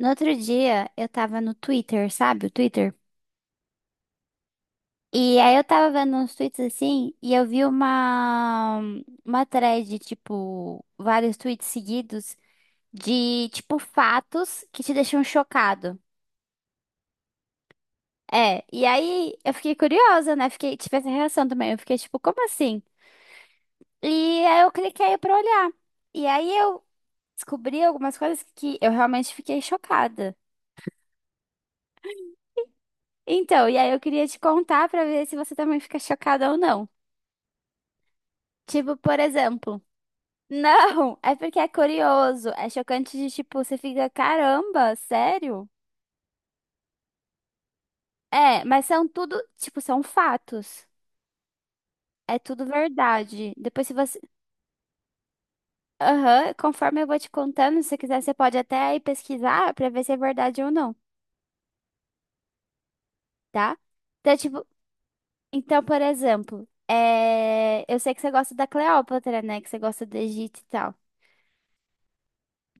No outro dia, eu tava no Twitter, sabe? O Twitter. E aí eu tava vendo uns tweets assim, e eu vi uma thread, tipo, vários tweets seguidos de, tipo, fatos que te deixam chocado. É, e aí eu fiquei curiosa, né? Fiquei, tive essa reação também. Eu fiquei, tipo, como assim? E aí eu cliquei pra olhar. E aí eu descobri algumas coisas que eu realmente fiquei chocada. Então, e aí eu queria te contar pra ver se você também fica chocada ou não. Tipo, por exemplo. Não, é porque é curioso, é chocante de tipo, você fica, caramba, sério? É, mas são tudo, tipo, são fatos. É tudo verdade. Depois se você, aham, conforme eu vou te contando, se você quiser, você pode até ir pesquisar pra ver se é verdade ou não, tá? Então, tipo, então, por exemplo, eu sei que você gosta da Cleópatra, né? Que você gosta do Egito e tal.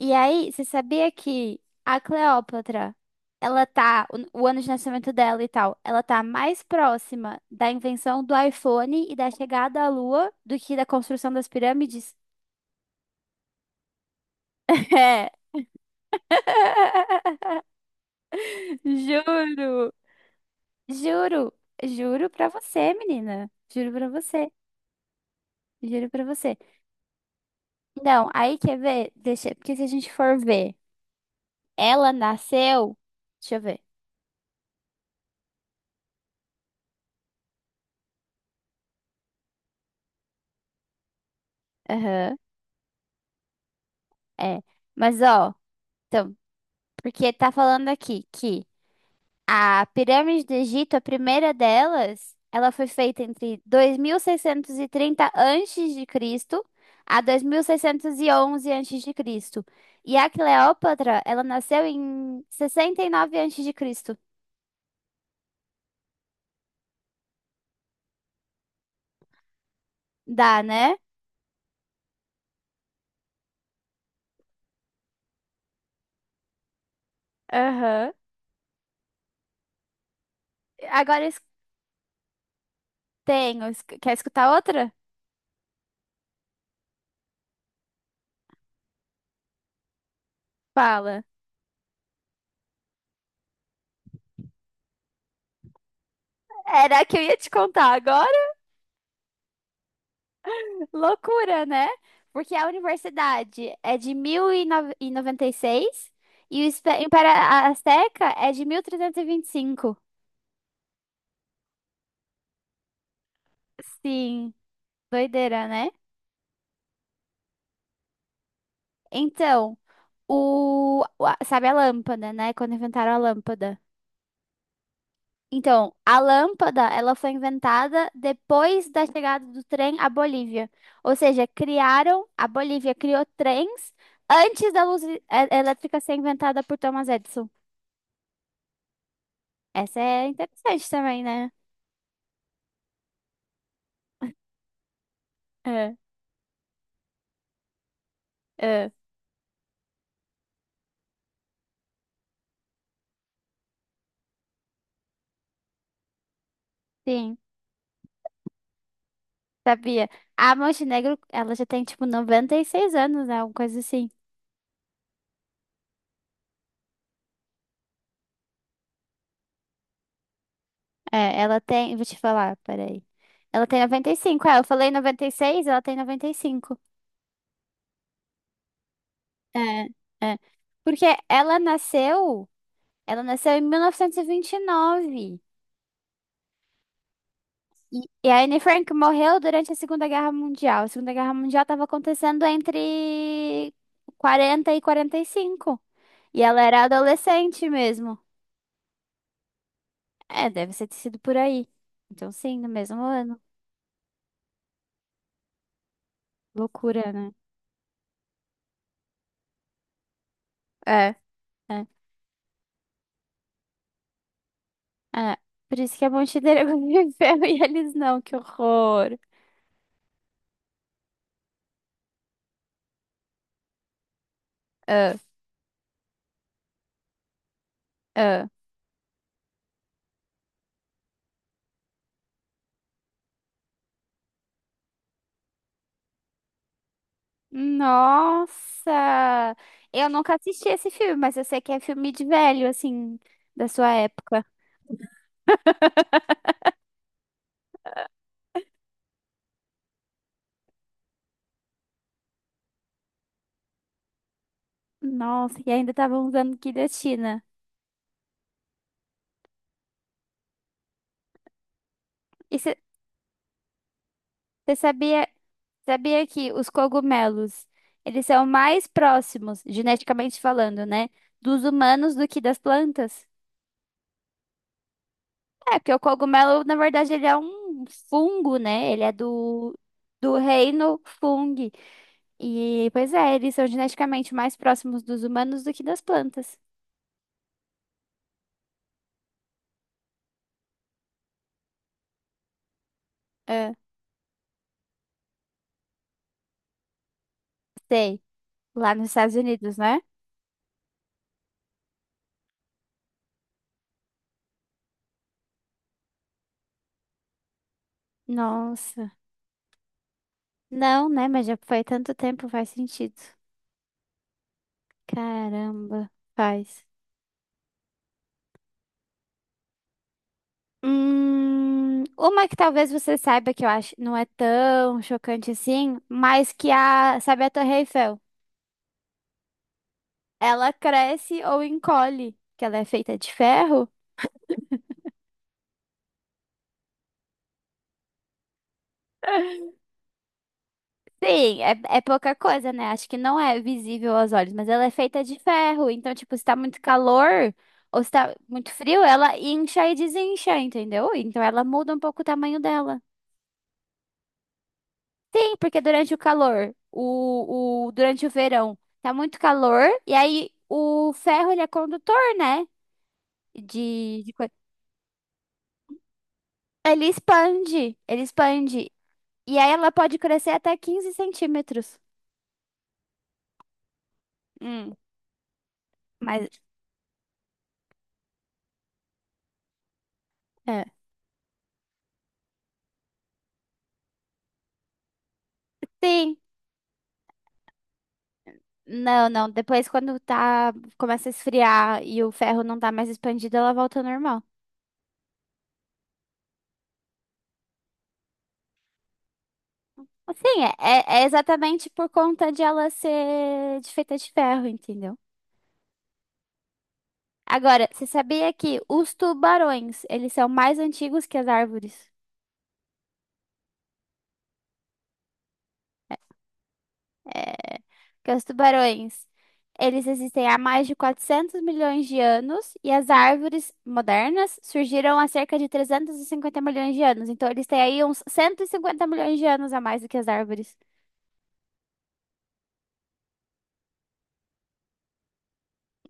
E aí, você sabia que a Cleópatra, ela tá, o ano de nascimento dela e tal, ela tá mais próxima da invenção do iPhone e da chegada à Lua do que da construção das pirâmides? É. Juro. Juro. Juro pra você, menina. Juro pra você. Juro pra você. Não, aí quer ver? Deixa, porque se a gente for ver, ela nasceu. Deixa eu ver. Aham. É. Mas ó. Então. Porque tá falando aqui que a pirâmide do Egito, a primeira delas, ela foi feita entre 2630 antes de Cristo a 2611 antes de Cristo. E a Cleópatra, ela nasceu em 69 antes de Cristo. Dá, né? Aham. Agora tenho. Quer escutar outra? Fala. Era a que eu ia te contar agora. Loucura, né? Porque a universidade é de mil e noventa seis e o Império Azteca é de mil trezentos e vinte e cinco. Sim, doideira, né? Então, sabe a lâmpada, né? Quando inventaram a lâmpada. Então, a lâmpada, ela foi inventada depois da chegada do trem à Bolívia. Ou seja, criaram, a Bolívia criou trens antes da luz elétrica ser inventada por Thomas Edison. Essa é interessante também, né? Ah, ah, sim, sabia. A Montenegro, ela já tem, tipo, 96 anos, né? Alguma coisa assim. É, ela tem... Vou te falar, peraí. Ela tem 95. É, eu falei 96 ela tem 95. É, é. Porque ela nasceu... Ela nasceu em mil novecentos e vinte e nove e a Anne Frank morreu durante a Segunda Guerra Mundial. A Segunda Guerra Mundial estava acontecendo entre 40 e 45. E ela era adolescente mesmo. É, deve ser ter sido por aí. Então, sim, no mesmo ano. Loucura, né? É, é, é. Por isso que a Montineira viveu e eles não, que horror. Ah, ah. Nossa! Eu nunca assisti esse filme, mas eu sei que é filme de velho, assim, da sua época. Nossa, e ainda tava usando guilhotina. E você sabia que os cogumelos, eles são mais próximos, geneticamente falando, né, dos humanos do que das plantas? É, porque o cogumelo, na verdade, ele é um fungo, né? Ele é do reino fungo. E, pois é, eles são geneticamente mais próximos dos humanos do que das plantas. É, sei. Lá nos Estados Unidos, né? Nossa. Não, né? Mas já foi tanto tempo, faz sentido. Caramba, faz. Uma que talvez você saiba que eu acho não é tão chocante assim, mas que a, sabe a Torre Eiffel? Ela cresce ou encolhe, que ela é feita de ferro. Sim, é pouca coisa, né? Acho que não é visível aos olhos, mas ela é feita de ferro. Então, tipo, se tá muito calor ou se tá muito frio, ela incha e desincha, entendeu? Então, ela muda um pouco o tamanho dela. Sim, porque durante o calor, durante o verão, tá muito calor, e aí o ferro, ele é condutor, né? De, de coi- Ele expande, ele expande. E aí ela pode crescer até 15 centímetros. Hum, mas, é. Sim, não, não. Depois, quando tá, começa a esfriar e o ferro não tá mais expandido, ela volta ao normal. Assim, é exatamente por conta de ela ser de feita de ferro, entendeu? Agora, você sabia que os tubarões, eles são mais antigos que as árvores? É, que os tubarões, eles existem há mais de 400 milhões de anos e as árvores modernas surgiram há cerca de 350 milhões de anos. Então, eles têm aí uns 150 milhões de anos a mais do que as árvores.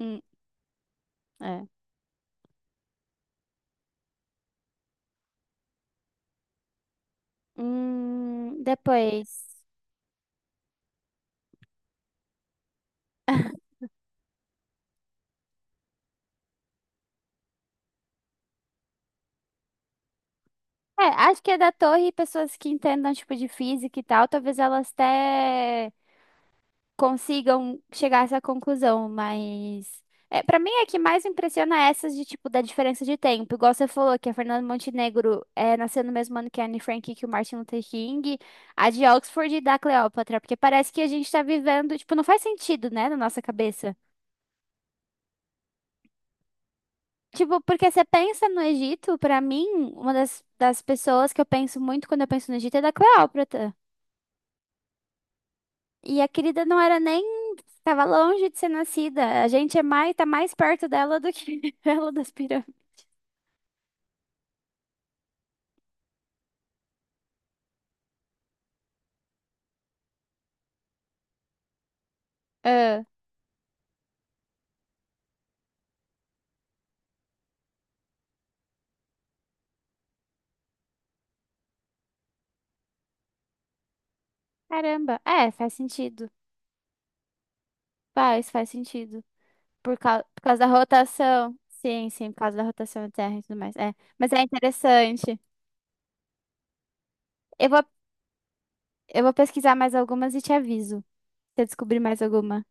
Hum, é. Depois. É, acho que é da torre, pessoas que entendam, tipo, de física e tal, talvez elas até consigam chegar a essa conclusão, mas para mim é que mais impressiona essas de tipo da diferença de tempo. Igual você falou que a Fernanda Montenegro nasceu no mesmo ano que a Anne Frank e que o Martin Luther King, a de Oxford e da Cleópatra, porque parece que a gente tá vivendo, tipo, não faz sentido, né, na nossa cabeça. Tipo, porque você pensa no Egito, pra mim, uma das pessoas que eu penso muito quando eu penso no Egito é da Cleópatra. E a querida não era nem Tava longe de ser nascida. A gente tá mais perto dela do que ela das pirâmides. Ah, caramba. É, faz sentido. Faz sentido. Por causa da rotação. Sim, sim, por causa da rotação da Terra e tudo mais. É, mas é interessante. Eu vou, eu vou pesquisar mais algumas e te aviso se eu descobrir mais alguma.